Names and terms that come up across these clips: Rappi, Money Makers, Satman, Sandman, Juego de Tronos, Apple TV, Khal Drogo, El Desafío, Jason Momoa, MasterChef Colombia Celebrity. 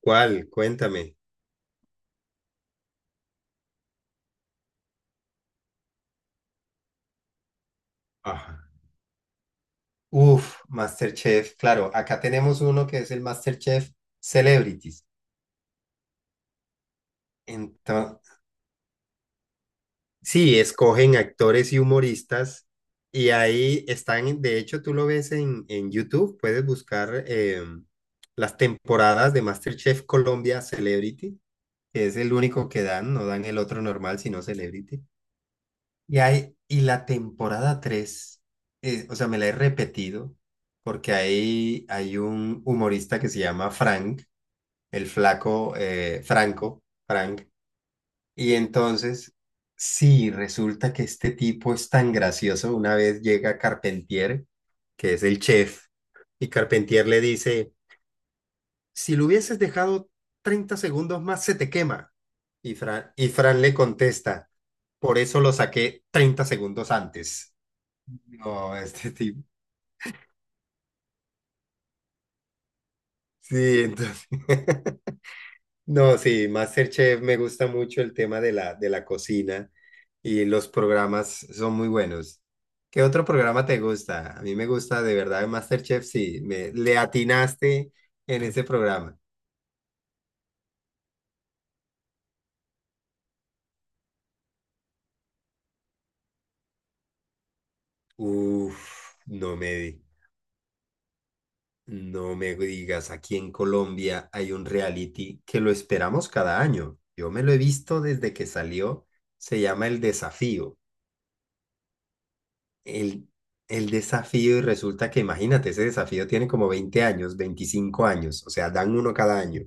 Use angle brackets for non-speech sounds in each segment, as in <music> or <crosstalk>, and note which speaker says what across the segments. Speaker 1: ¿Cuál? Cuéntame. Ajá. Uf, MasterChef. Claro, acá tenemos uno que es el MasterChef Celebrities. Entonces, sí, escogen actores y humoristas y ahí están, de hecho, tú lo ves en YouTube, puedes buscar las temporadas de MasterChef Colombia Celebrity, que es el único que dan, no dan el otro normal, sino Celebrity. Y, hay, y la temporada 3, o sea, me la he repetido porque ahí hay un humorista que se llama Frank, el flaco Franco, Frank. Y entonces, sí, resulta que este tipo es tan gracioso. Una vez llega Carpentier, que es el chef, y Carpentier le dice, si lo hubieses dejado 30 segundos más, se te quema. Y Fran le contesta, por eso lo saqué 30 segundos antes. No, este tipo. Sí, entonces. <laughs> No, sí, MasterChef me gusta mucho el tema de la cocina y los programas son muy buenos. ¿Qué otro programa te gusta? A mí me gusta de verdad el MasterChef, sí, me, le atinaste en ese programa. Uf, no me, di- no me digas, aquí en Colombia hay un reality que lo esperamos cada año. Yo me lo he visto desde que salió, se llama El Desafío. el, el desafío y resulta que, imagínate, ese desafío tiene como 20 años, 25 años, o sea, dan uno cada año.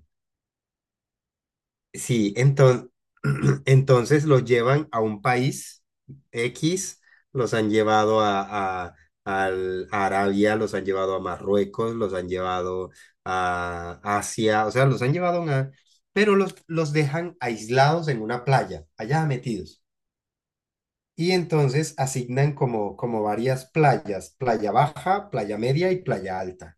Speaker 1: Sí, entonces, <clears throat> entonces los llevan a un país X, los han llevado a Arabia, los han llevado a Marruecos, los han llevado a Asia, o sea, los han llevado a una... Pero los dejan aislados en una playa, allá metidos. Y entonces asignan como, como varias playas, playa baja, playa media y playa alta.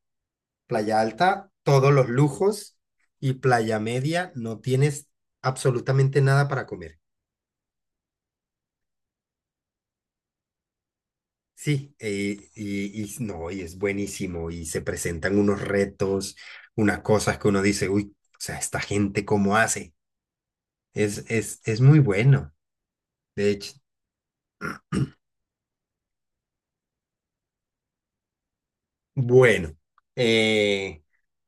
Speaker 1: Playa alta, todos los lujos y playa media, no tienes absolutamente nada para comer. Sí, y no, y es buenísimo y se presentan unos retos, unas cosas que uno dice, uy, o sea, esta gente cómo hace. Es muy bueno, de hecho. Bueno, eh,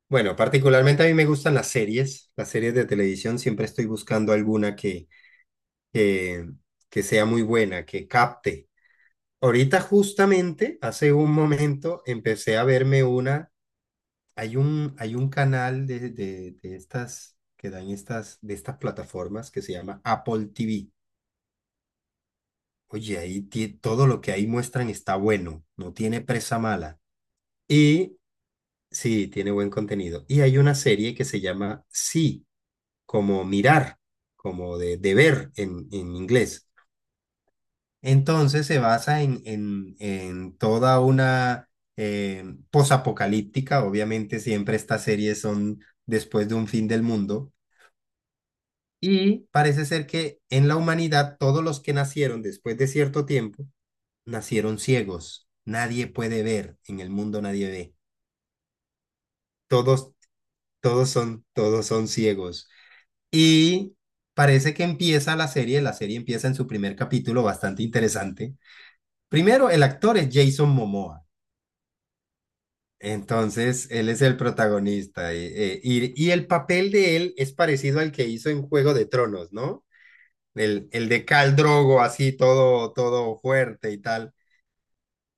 Speaker 1: bueno, particularmente a mí me gustan las series de televisión, siempre estoy buscando alguna que, que sea muy buena, que capte. Ahorita justamente, hace un momento, empecé a verme una, hay un canal de estas, que dan estas, de estas plataformas que se llama Apple TV. Oye, todo lo que ahí muestran está bueno, no tiene presa mala. Y sí, tiene buen contenido. Y hay una serie que se llama Sí. Como mirar, como de ver en inglés. Entonces se basa en toda una eh, posapocalíptica. Obviamente siempre estas series son después de un fin del mundo. Y parece ser que en la humanidad todos los que nacieron después de cierto tiempo nacieron ciegos. Nadie puede ver, en el mundo nadie ve. Todos, todos son ciegos. Y parece que empieza la serie empieza en su primer capítulo bastante interesante. Primero, el actor es Jason Momoa, entonces él es el protagonista y el papel de él es parecido al que hizo en Juego de Tronos, ¿no? El de Khal Drogo, así todo, todo fuerte y tal.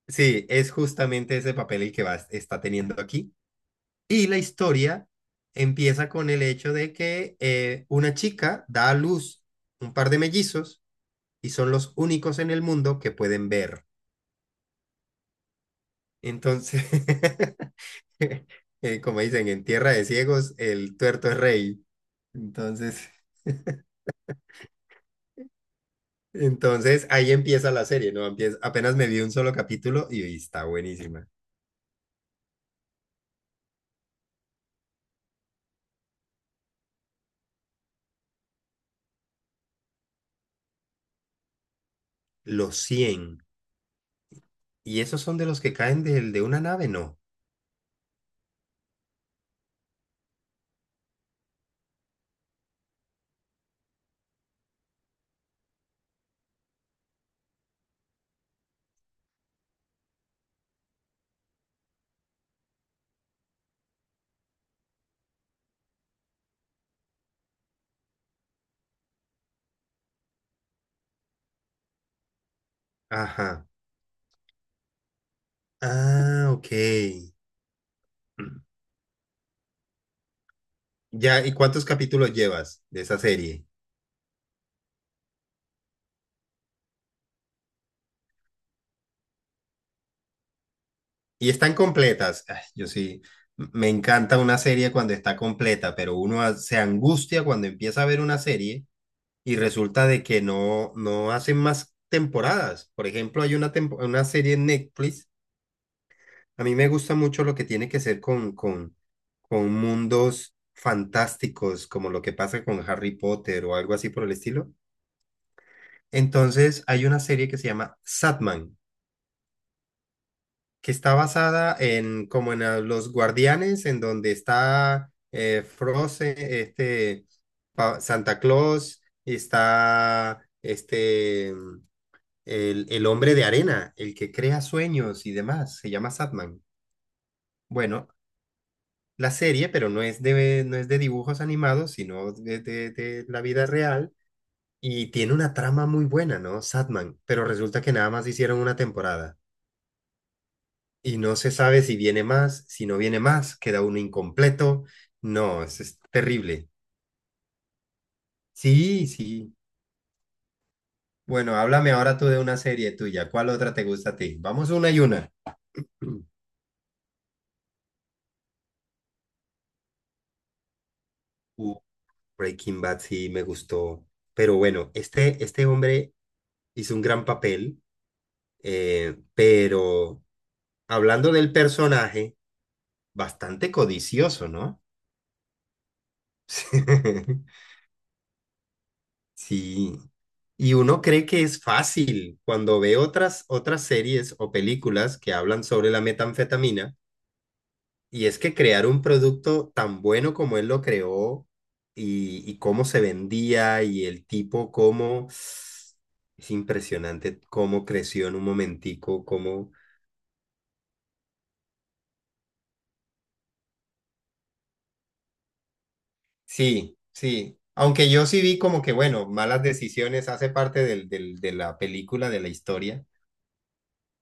Speaker 1: Sí, es justamente ese papel el que va, está teniendo aquí. Y la historia empieza con el hecho de que una chica da a luz un par de mellizos y son los únicos en el mundo que pueden ver. Entonces, <laughs> como dicen, en tierra de ciegos el tuerto es rey. Entonces, entonces ahí empieza la serie, ¿no? Empieza, apenas me vi un solo capítulo y está buenísima. Los cien. ¿Y esos son de los que caen del de una nave? No. Ajá. Ah, ok. Ya, ¿y cuántos capítulos llevas de esa serie? Y están completas. Ay, yo sí, me encanta una serie cuando está completa, pero se angustia cuando empieza a ver una serie y resulta de que no, no hacen más temporadas. Por ejemplo, hay una serie en Netflix. A mí me gusta mucho lo que tiene que ser con mundos fantásticos, como lo que pasa con Harry Potter o algo así por el estilo. Entonces, hay una serie que se llama Sandman. Que está basada en como en los Guardianes, en donde está Frozen, este Santa Claus, y está este el hombre de arena, el que crea sueños y demás, se llama Satman. Bueno, la serie, pero no es no es de dibujos animados, sino de la vida real. Y tiene una trama muy buena, ¿no? Satman, pero resulta que nada más hicieron una temporada. Y no se sabe si viene más, si no viene más, queda uno incompleto. No, es terrible. Sí, sí. Bueno, háblame ahora tú de una serie tuya. ¿Cuál otra te gusta a ti? Vamos una y una. <clears throat> Uh, Breaking Bad sí me gustó. Pero bueno, este hombre hizo un gran papel, pero hablando del personaje, bastante codicioso, ¿no? <laughs> Sí. Y uno cree que es fácil cuando ve otras, otras series o películas que hablan sobre la metanfetamina. Y es que crear un producto tan bueno como él lo creó y cómo se vendía y el tipo cómo... Es impresionante cómo creció en un momentico, cómo... Sí, sí. Aunque yo sí vi como que, bueno, malas decisiones hace parte de la película, de la historia,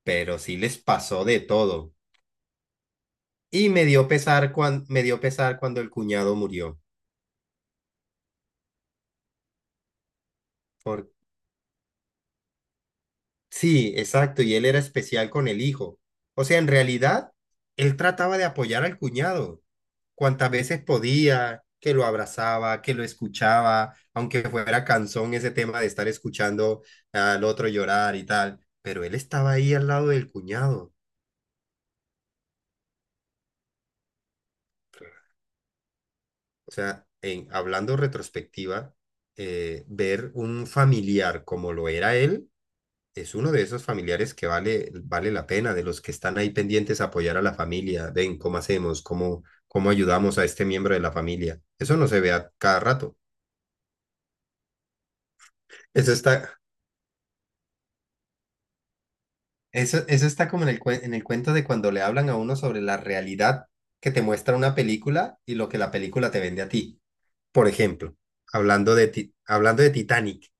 Speaker 1: pero sí les pasó de todo. Y me dio pesar cuando, me dio pesar cuando el cuñado murió. Por, sí, exacto, y él era especial con el hijo. O sea, en realidad, él trataba de apoyar al cuñado cuantas veces podía, que lo abrazaba, que lo escuchaba, aunque fuera cansón ese tema de estar escuchando al otro llorar y tal. Pero él estaba ahí al lado del cuñado. O sea, en, hablando retrospectiva, ver un familiar como lo era él. Es uno de esos familiares que vale, vale la pena, de los que están ahí pendientes a apoyar a la familia. Ven, ¿cómo hacemos? ¿Cómo, cómo ayudamos a este miembro de la familia? Eso no se ve a cada rato. Eso está, eso está como en en el cuento de cuando le hablan a uno sobre la realidad que te muestra una película y lo que la película te vende a ti. Por ejemplo, hablando de Titanic.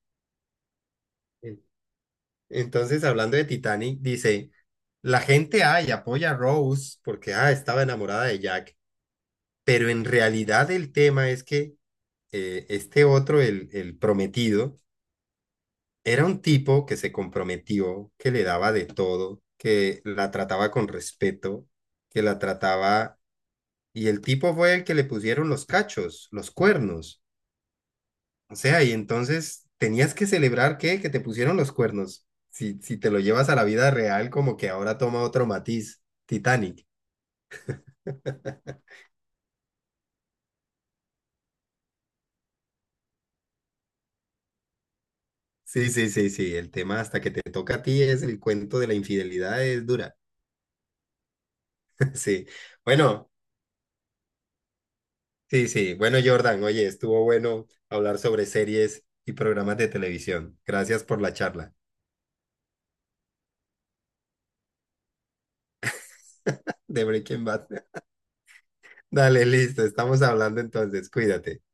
Speaker 1: En- Entonces, hablando de Titanic, dice, la gente, ay, apoya a Rose porque, ah, estaba enamorada de Jack. Pero en realidad el tema es que este otro, el prometido, era un tipo que se comprometió, que le daba de todo, que la trataba con respeto, que la trataba... Y el tipo fue el que le pusieron los cachos, los cuernos. O sea, y entonces tenías que celebrar que te pusieron los cuernos. Si, si te lo llevas a la vida real, como que ahora toma otro matiz, Titanic. Sí, sí, sí, sí. El tema hasta que te toca a ti es el cuento de la infidelidad, es dura. Sí, bueno, sí, sí. Bueno, Jordan, oye, estuvo bueno hablar sobre series y programas de televisión. Gracias por la charla de Breaking Bad. <laughs> Dale, listo, estamos hablando entonces, cuídate.